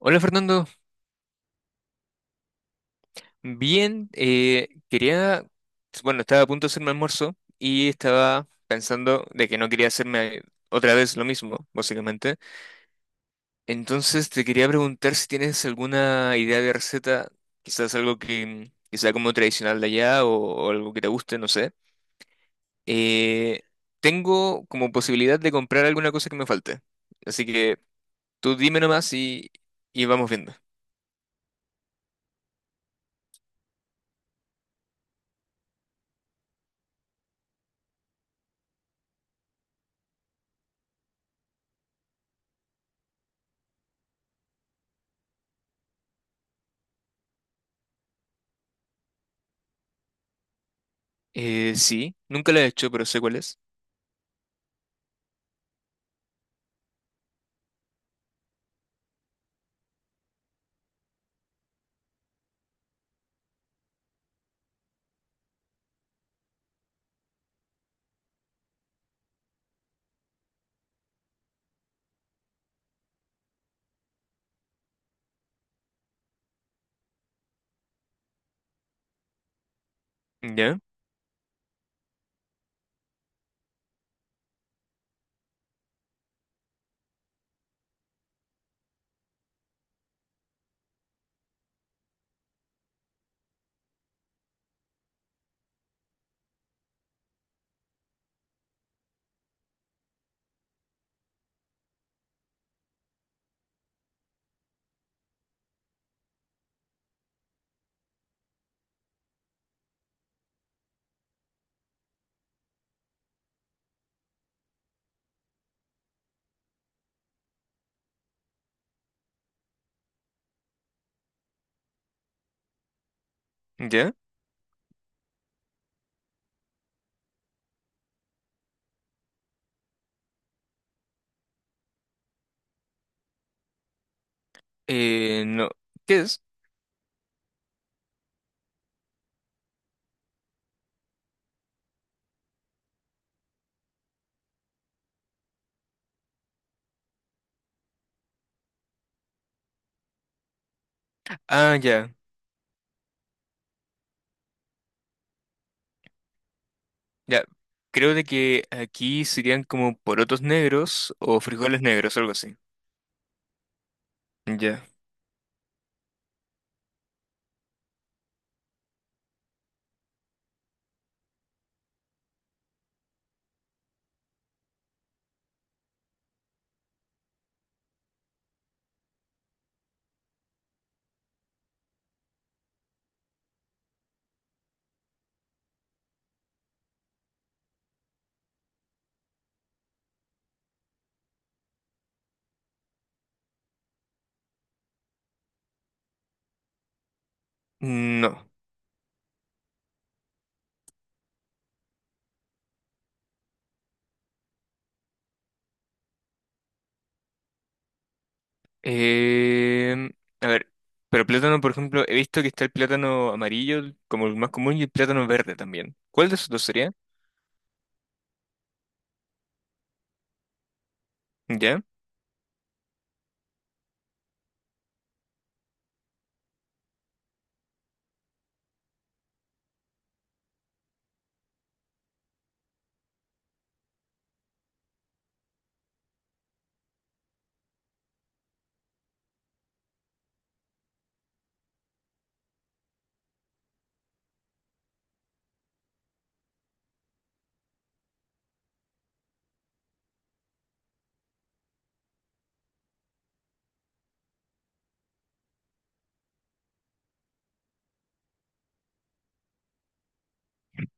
Hola Fernando, bien, quería, bueno, estaba a punto de hacerme almuerzo y estaba pensando de que no quería hacerme otra vez lo mismo, básicamente. Entonces te quería preguntar si tienes alguna idea de receta, quizás algo que sea como tradicional de allá o algo que te guste, no sé. Eh, tengo como posibilidad de comprar alguna cosa que me falte, así que tú dime nomás y vamos viendo. Sí, nunca la he hecho, pero sé cuál es. ¿Ya? ¿Ya? No. ¿Qué es? Ah, ya. Ya. Creo de que aquí serían como porotos negros o frijoles negros, algo así. Ya. No. Em, a ver. Pero plátano, por ejemplo, he visto que está el plátano amarillo el- como el más común y el plátano verde también. ¿Cuál de esos dos sería? Ya.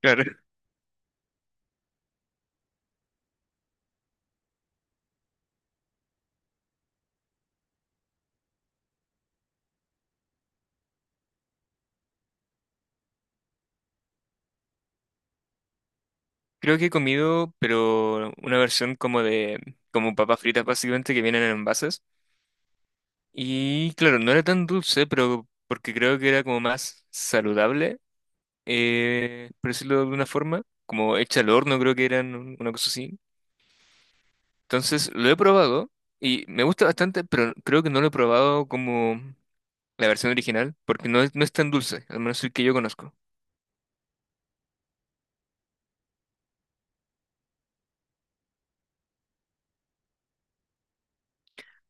Claro. Creo que he comido, pero una versión como de, como papas fritas básicamente que vienen en envases. Y claro, no era tan dulce, pero porque creo que era como más saludable. Por decirlo de alguna forma, como hecha al horno, creo que eran un- una cosa así. Entonces lo he probado y me gusta bastante, pero creo que no lo he probado como la versión original, porque no es, no es tan dulce, al menos el que yo conozco.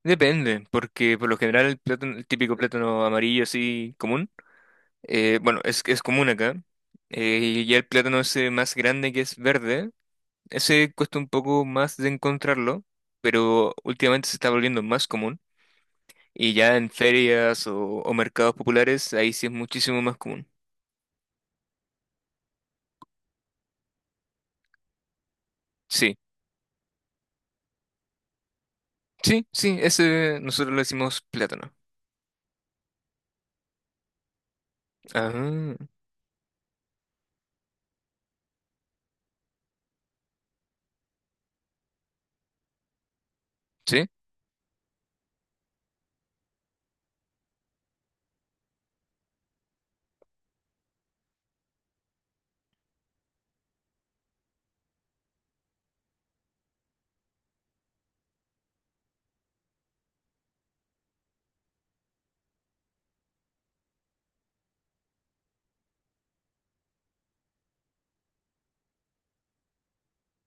Depende, porque por lo general el plátano, el típico plátano amarillo así común, bueno, es común acá, y ya el plátano ese más grande que es verde, ese cuesta un poco más de encontrarlo, pero últimamente se está volviendo más común. Y ya en ferias o mercados populares, ahí sí es muchísimo más común. Sí, sí, sí, ese nosotros le decimos plátano. Ah, sí,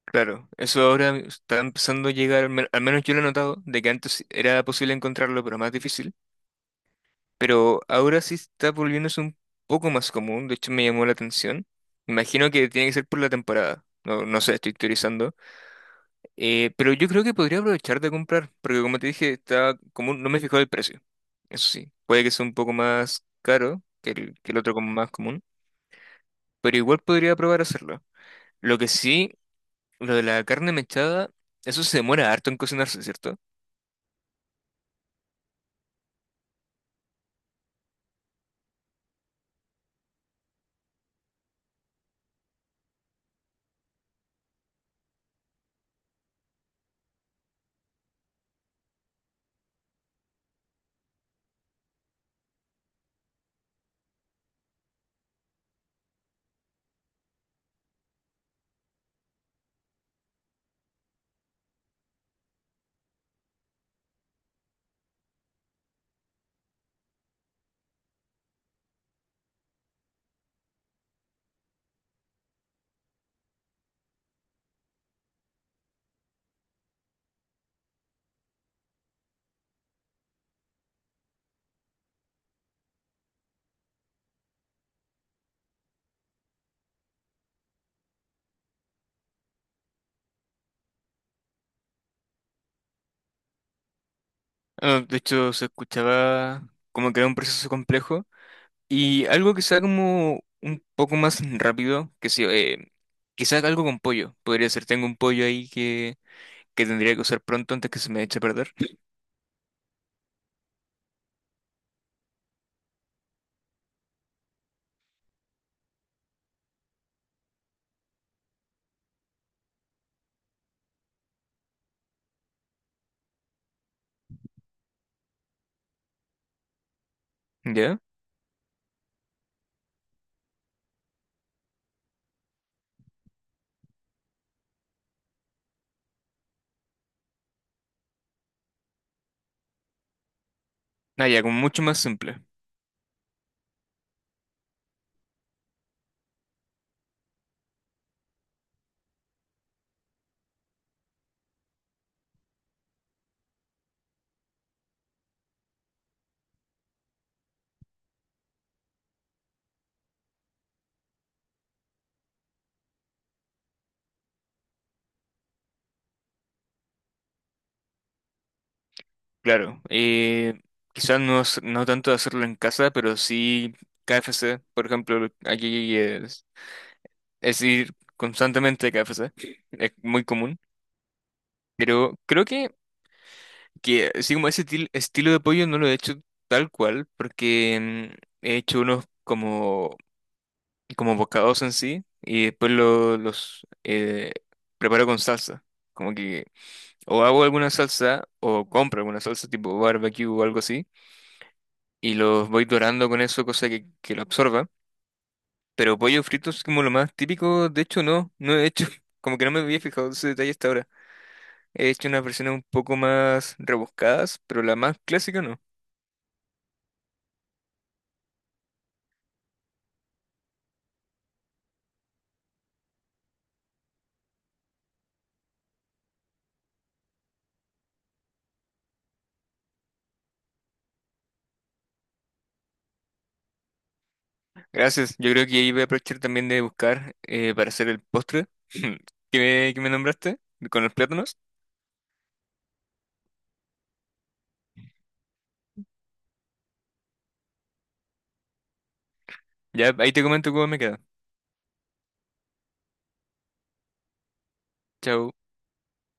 claro. Eso ahora está empezando a llegar, al men- al menos yo lo he notado, de que antes era posible encontrarlo, pero más difícil. Pero ahora sí está volviéndose un poco más común, de hecho me llamó la atención. Imagino que tiene que ser por la temporada. No, no sé, estoy teorizando. Pero yo creo que podría aprovechar de comprar, porque como te dije, está como un- no me he fijado el precio. Eso sí, puede que sea un poco más caro que el otro como más común, pero igual podría probar hacerlo. Lo que sí, lo de la carne mechada, eso se demora harto en cocinarse, ¿cierto? Ah, de hecho, se escuchaba como que era un proceso complejo y algo que sea como un poco más rápido, que sí, quizás algo con pollo. Podría ser, tengo un pollo ahí que tendría que usar pronto antes que se me eche a perder. ¿Ya? Ah, ya, como mucho más simple, claro. Quizás no, s- no tanto hacerlo en casa, pero sí KFC, por ejemplo, aquí es ir constantemente a KFC, es muy común. Pero creo que así como ese til- estilo de pollo no lo he hecho tal cual, porque mm, he hecho unos como, como bocados en sí y después lo- los preparo con salsa. Como que o hago alguna salsa o compro alguna salsa tipo barbecue o algo así y los voy dorando con eso, cosa que lo absorba. Pero pollo frito es como lo más típico, de hecho no, no he hecho, como que no me había fijado ese detalle hasta ahora. He hecho unas versiones un poco más rebuscadas, pero la más clásica no. Gracias, yo creo que ahí voy a aprovechar también de buscar para hacer el postre que me nombraste, con los plátanos. Ya, ahí te comento cómo me queda. Chao.